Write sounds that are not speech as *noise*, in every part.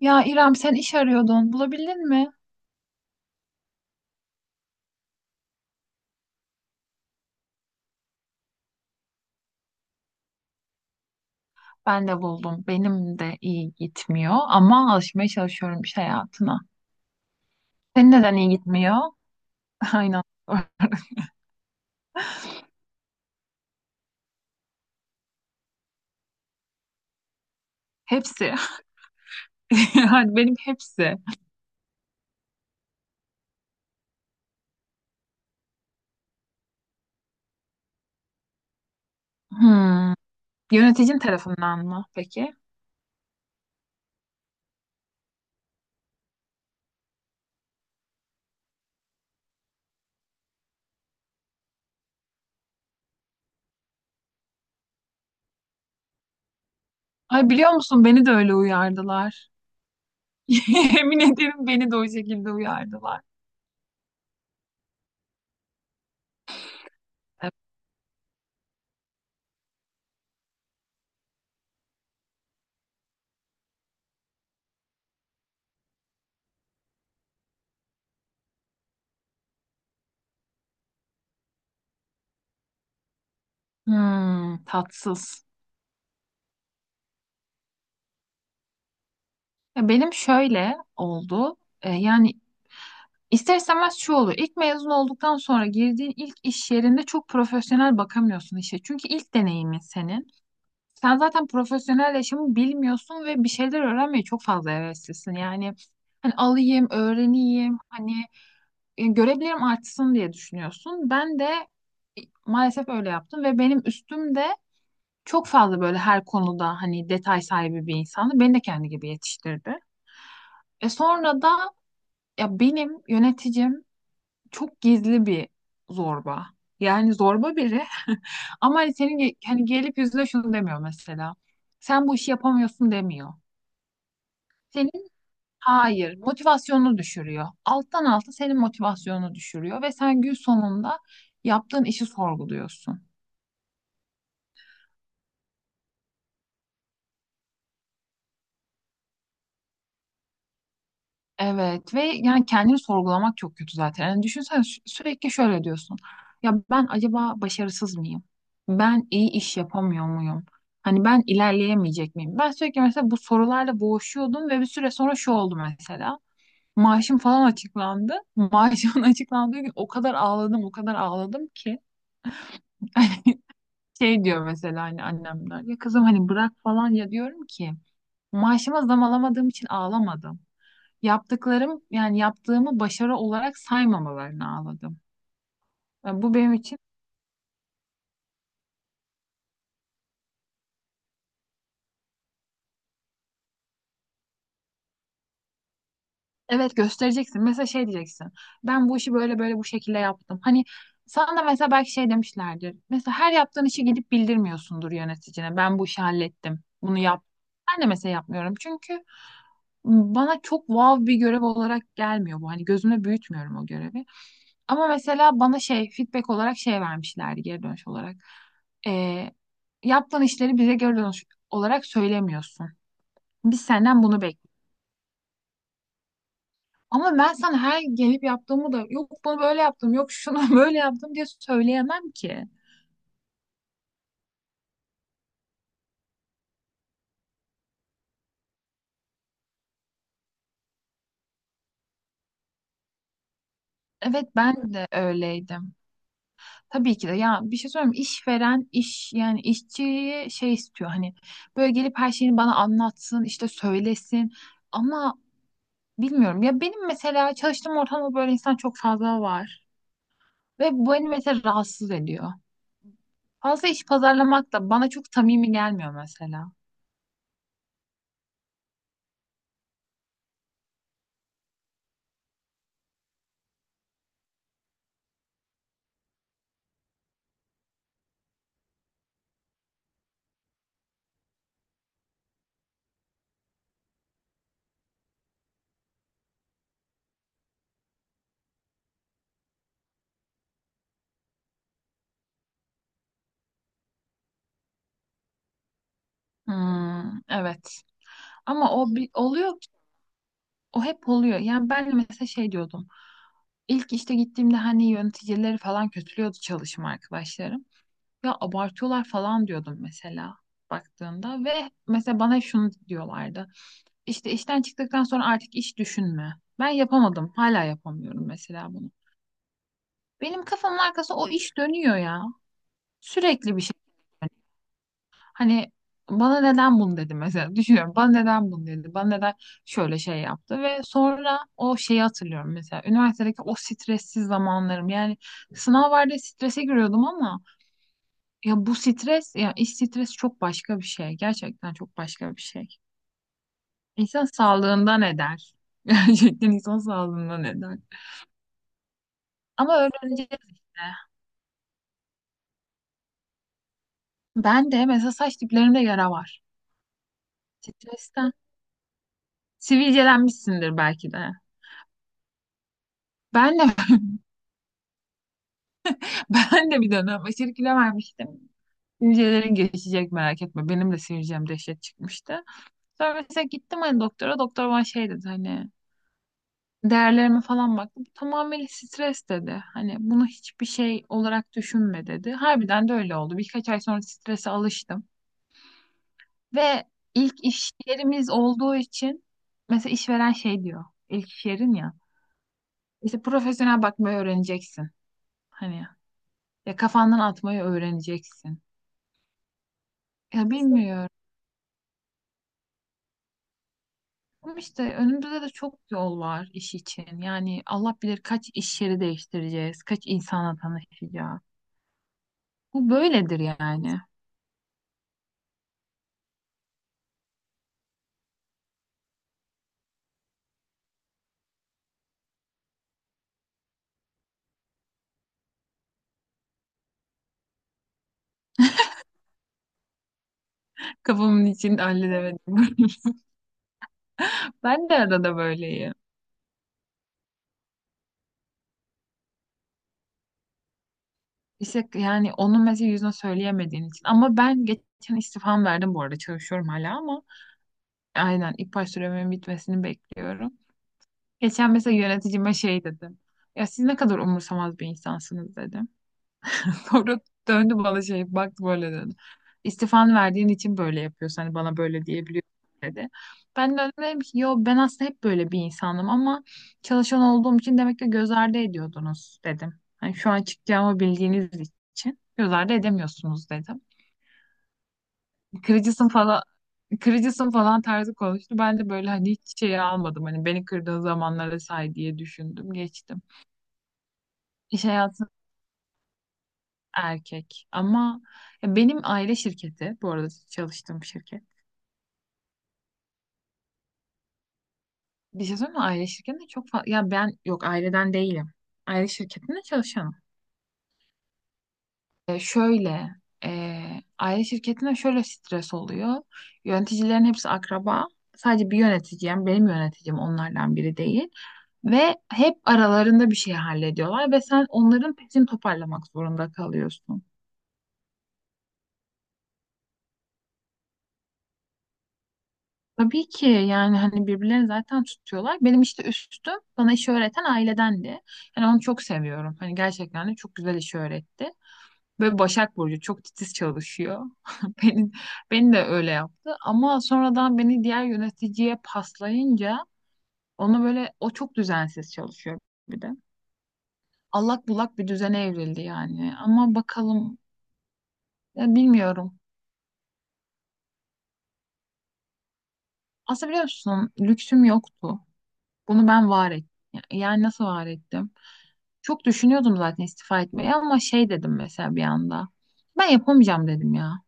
Ya İrem sen iş arıyordun. Bulabildin mi? Ben de buldum. Benim de iyi gitmiyor ama alışmaya çalışıyorum iş hayatına. Senin neden iyi gitmiyor? *laughs* Aynen. Hepsi. *laughs* Yani benim hepsi. Hmm. Yöneticin tarafından mı peki? Ay biliyor musun beni de öyle uyardılar. *laughs* Yemin ederim beni de o şekilde uyardılar. Evet. Hmm, tatsız. Ya benim şöyle oldu. Yani İster istemez şu oluyor. İlk mezun olduktan sonra girdiğin ilk iş yerinde çok profesyonel bakamıyorsun işe. Çünkü ilk deneyimin senin. Sen zaten profesyonel yaşamı bilmiyorsun ve bir şeyler öğrenmeye çok fazla heveslisin. Yani hani alayım, öğreneyim, hani görebilirim artsın diye düşünüyorsun. Ben de maalesef öyle yaptım ve benim üstüm de çok fazla böyle her konuda hani detay sahibi bir insandı. Beni de kendi gibi yetiştirdi. E sonra da ya benim yöneticim çok gizli bir zorba. Yani zorba biri ama hani senin hani gelip yüzüne şunu demiyor mesela. Sen bu işi yapamıyorsun demiyor. Senin hayır motivasyonunu düşürüyor. Alttan alta senin motivasyonunu düşürüyor ve sen gün sonunda yaptığın işi sorguluyorsun. Evet ve yani kendini sorgulamak çok kötü zaten. Yani düşünsene sürekli şöyle diyorsun. Ya ben acaba başarısız mıyım? Ben iyi iş yapamıyor muyum? Hani ben ilerleyemeyecek miyim? Ben sürekli mesela bu sorularla boğuşuyordum ve bir süre sonra şu oldu mesela. Maaşım falan açıklandı. Maaşımın *laughs* açıklandığı gün o kadar ağladım, o kadar ağladım ki. *laughs* Şey diyor mesela hani annemler. Ya kızım hani bırak falan ya diyorum ki. Maaşıma zam alamadığım için ağlamadım, yaptıklarım yani yaptığımı başarı olarak saymamalarını ağladım. Yani bu benim için evet göstereceksin. Mesela şey diyeceksin. Ben bu işi böyle böyle bu şekilde yaptım. Hani sana da mesela belki şey demişlerdir. Mesela her yaptığın işi gidip bildirmiyorsundur yöneticine. Ben bu işi hallettim. Bunu yap. Ben de mesela yapmıyorum. Çünkü bana çok wow bir görev olarak gelmiyor bu. Hani gözümde büyütmüyorum o görevi. Ama mesela bana şey feedback olarak şey vermişlerdi geri dönüş olarak. e, Yaptığın işleri bize göre olarak söylemiyorsun. Biz senden bunu bekliyoruz. Ama ben sana her gelip yaptığımı da yok bunu böyle yaptım, yok şunu *laughs* böyle yaptım diye söyleyemem ki. Evet, ben de öyleydim. Tabii ki de ya bir şey söyleyeyim mi? İşveren iş yani işçiyi şey istiyor hani böyle gelip her şeyini bana anlatsın işte söylesin ama bilmiyorum ya benim mesela çalıştığım ortamda böyle insan çok fazla var ve bu beni mesela rahatsız ediyor. Fazla iş pazarlamak da bana çok samimi gelmiyor mesela. Hmm, evet. Ama o bir, oluyor, o hep oluyor. Yani ben de mesela şey diyordum. İlk işte gittiğimde hani yöneticileri falan kötülüyordu çalışma arkadaşlarım. Ya abartıyorlar falan diyordum mesela baktığında ve mesela bana şunu diyorlardı. İşte işten çıktıktan sonra artık iş düşünme. Ben yapamadım. Hala yapamıyorum mesela bunu. Benim kafamın arkası o iş dönüyor ya. Sürekli bir şey. Hani bana neden bunu dedi mesela düşünüyorum, bana neden bunu dedi, bana neden şöyle şey yaptı ve sonra o şeyi hatırlıyorum mesela üniversitedeki o stressiz zamanlarım yani sınav vardı strese giriyordum ama ya bu stres ya iş stresi çok başka bir şey, gerçekten çok başka bir şey. İnsan sağlığından eder, *laughs* gerçekten insan sağlığından eder ama öğreneceğiz işte. Ben de mesela saç diplerimde yara var stresten. Sivilcelenmişsindir belki de. Ben de *laughs* ben de bir dönem aşırı kilo vermiştim. Hücrelerin geçecek merak etme. Benim de sivilcem dehşet çıkmıştı. Sonra mesela gittim hani doktora. Doktor bana şey dedi hani değerlerime falan baktı. Bu tamamen stres dedi. Hani bunu hiçbir şey olarak düşünme dedi. Harbiden de öyle oldu. Birkaç ay sonra strese alıştım. Ve ilk iş yerimiz olduğu için mesela işveren şey diyor. İlk iş yerin ya. İşte profesyonel bakmayı öğreneceksin. Hani ya kafandan atmayı öğreneceksin. Ya bilmiyorum. Ama işte önümüzde de çok yol var iş için. Yani Allah bilir kaç iş yeri değiştireceğiz, kaç insanla tanışacağız. Bu böyledir yani. Kafamın içinde halledemedim. *laughs* Ben de arada böyleyim. İşte yani onun mesela yüzüne söyleyemediğin için. Ama ben geçen istifam verdim bu arada. Çalışıyorum hala ama aynen ilk baş süremin bitmesini bekliyorum. Geçen mesela yöneticime şey dedim. Ya siz ne kadar umursamaz bir insansınız dedim. Sonra döndü bana şey baktı böyle dedi. İstifan verdiğin için böyle yapıyorsun. Hani bana böyle diyebiliyorsun dedi. Ben de dedim ki yo ben aslında hep böyle bir insanım ama çalışan olduğum için demek ki göz ardı ediyordunuz dedim. Hani şu an çıkacağımı bildiğiniz için göz ardı edemiyorsunuz dedim. Kırıcısın falan, kırıcısın falan tarzı konuştu. Ben de böyle hani hiç şey almadım. Hani beni kırdığın zamanlara say diye düşündüm geçtim. İş hayatı erkek. Ama ya benim aile şirketi, bu arada çalıştığım şirket. Bir şey söyleyeyim mi? Aile şirketinde çok fazla... Ya ben yok aileden değilim. Aile şirketinde çalışanım. E, şöyle, aile şirketinde şöyle stres oluyor. Yöneticilerin hepsi akraba. Sadece bir yöneticim, benim yöneticim onlardan biri değil. Ve hep aralarında bir şey hallediyorlar ve sen onların peşini toparlamak zorunda kalıyorsun. Tabii ki yani hani birbirlerini zaten tutuyorlar. Benim işte üstüm bana işi öğreten ailedendi. Yani onu çok seviyorum. Hani gerçekten de çok güzel işi öğretti. Böyle Başak Burcu çok titiz çalışıyor. *laughs* Beni, beni de öyle yaptı. Ama sonradan beni diğer yöneticiye paslayınca onu böyle o çok düzensiz çalışıyor bir de. Allak bullak bir düzene evrildi yani. Ama bakalım ya bilmiyorum. Aslında biliyor musun lüksüm yoktu. Bunu ben var ettim. Yani nasıl var ettim? Çok düşünüyordum zaten istifa etmeyi ama şey dedim mesela bir anda. Ben yapamayacağım dedim ya.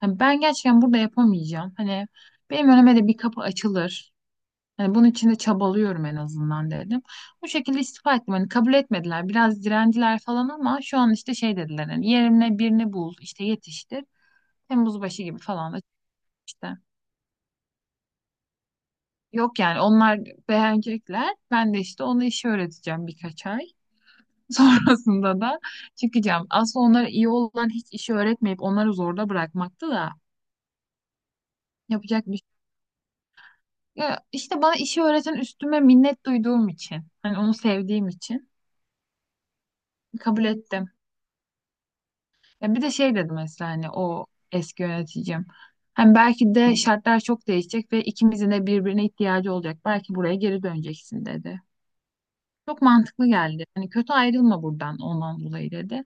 Hani ben gerçekten burada yapamayacağım. Hani benim önüme de bir kapı açılır. Hani bunun için de çabalıyorum en azından dedim. Bu şekilde istifa ettim. Hani kabul etmediler. Biraz direndiler falan ama şu an işte şey dediler. Hani yerine birini bul, işte yetiştir. Temmuz başı gibi falan da işte. Yok yani onlar beğenecekler. Ben de işte ona işi öğreteceğim birkaç ay. *laughs* Sonrasında da çıkacağım. Aslında onlara iyi olan hiç işi öğretmeyip onları zorda bırakmaktı da yapacak bir şey. Ya işte bana işi öğreten üstüme minnet duyduğum için, hani onu sevdiğim için kabul ettim. Ya bir de şey dedim mesela hani o eski yöneticim. Hani belki de şartlar çok değişecek ve ikimizin de birbirine ihtiyacı olacak. Belki buraya geri döneceksin dedi. Çok mantıklı geldi. Hani kötü ayrılma buradan ondan dolayı dedi.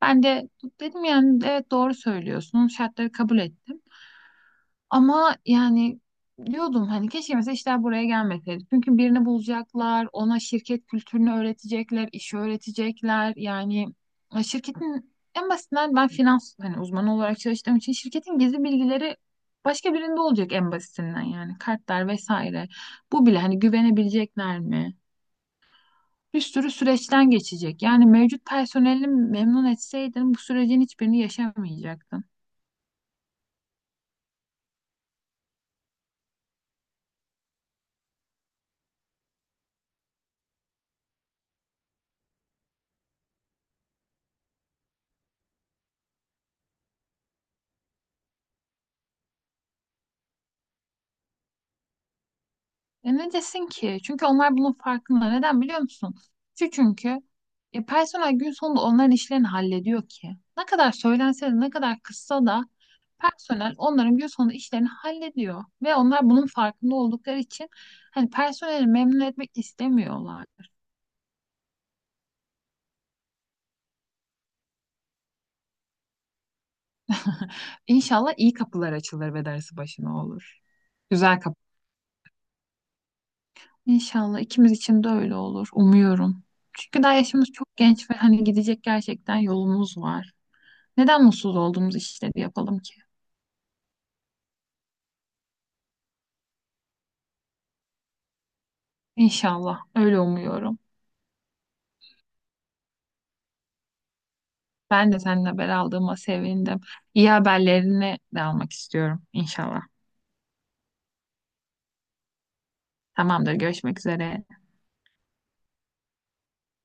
Ben de dedim yani evet doğru söylüyorsun. Şartları kabul ettim. Ama yani diyordum hani keşke mesela işler buraya gelmeseydi. Çünkü birini bulacaklar, ona şirket kültürünü öğretecekler, işi öğretecekler. Yani şirketin en basitinden ben finans hani uzmanı olarak çalıştığım için şirketin gizli bilgileri başka birinde olacak en basitinden yani kartlar vesaire. Bu bile hani güvenebilecekler mi? Bir sürü süreçten geçecek. Yani mevcut personeli memnun etseydin bu sürecin hiçbirini yaşamayacaktın. E ne desin ki? Çünkü onlar bunun farkında. Neden biliyor musun? Şu çünkü personel gün sonunda onların işlerini hallediyor ki. Ne kadar söylense de ne kadar kızsa da personel onların gün sonunda işlerini hallediyor. Ve onlar bunun farkında oldukları için hani personeli memnun etmek istemiyorlar. *laughs* İnşallah iyi kapılar açılır ve dersi başına olur. Güzel kapı. İnşallah ikimiz için de öyle olur. Umuyorum. Çünkü daha yaşımız çok genç ve hani gidecek gerçekten yolumuz var. Neden mutsuz olduğumuz işleri yapalım ki? İnşallah. Öyle umuyorum. Ben de seninle haber aldığıma sevindim. İyi haberlerini de almak istiyorum. İnşallah. Tamamdır. Görüşmek üzere.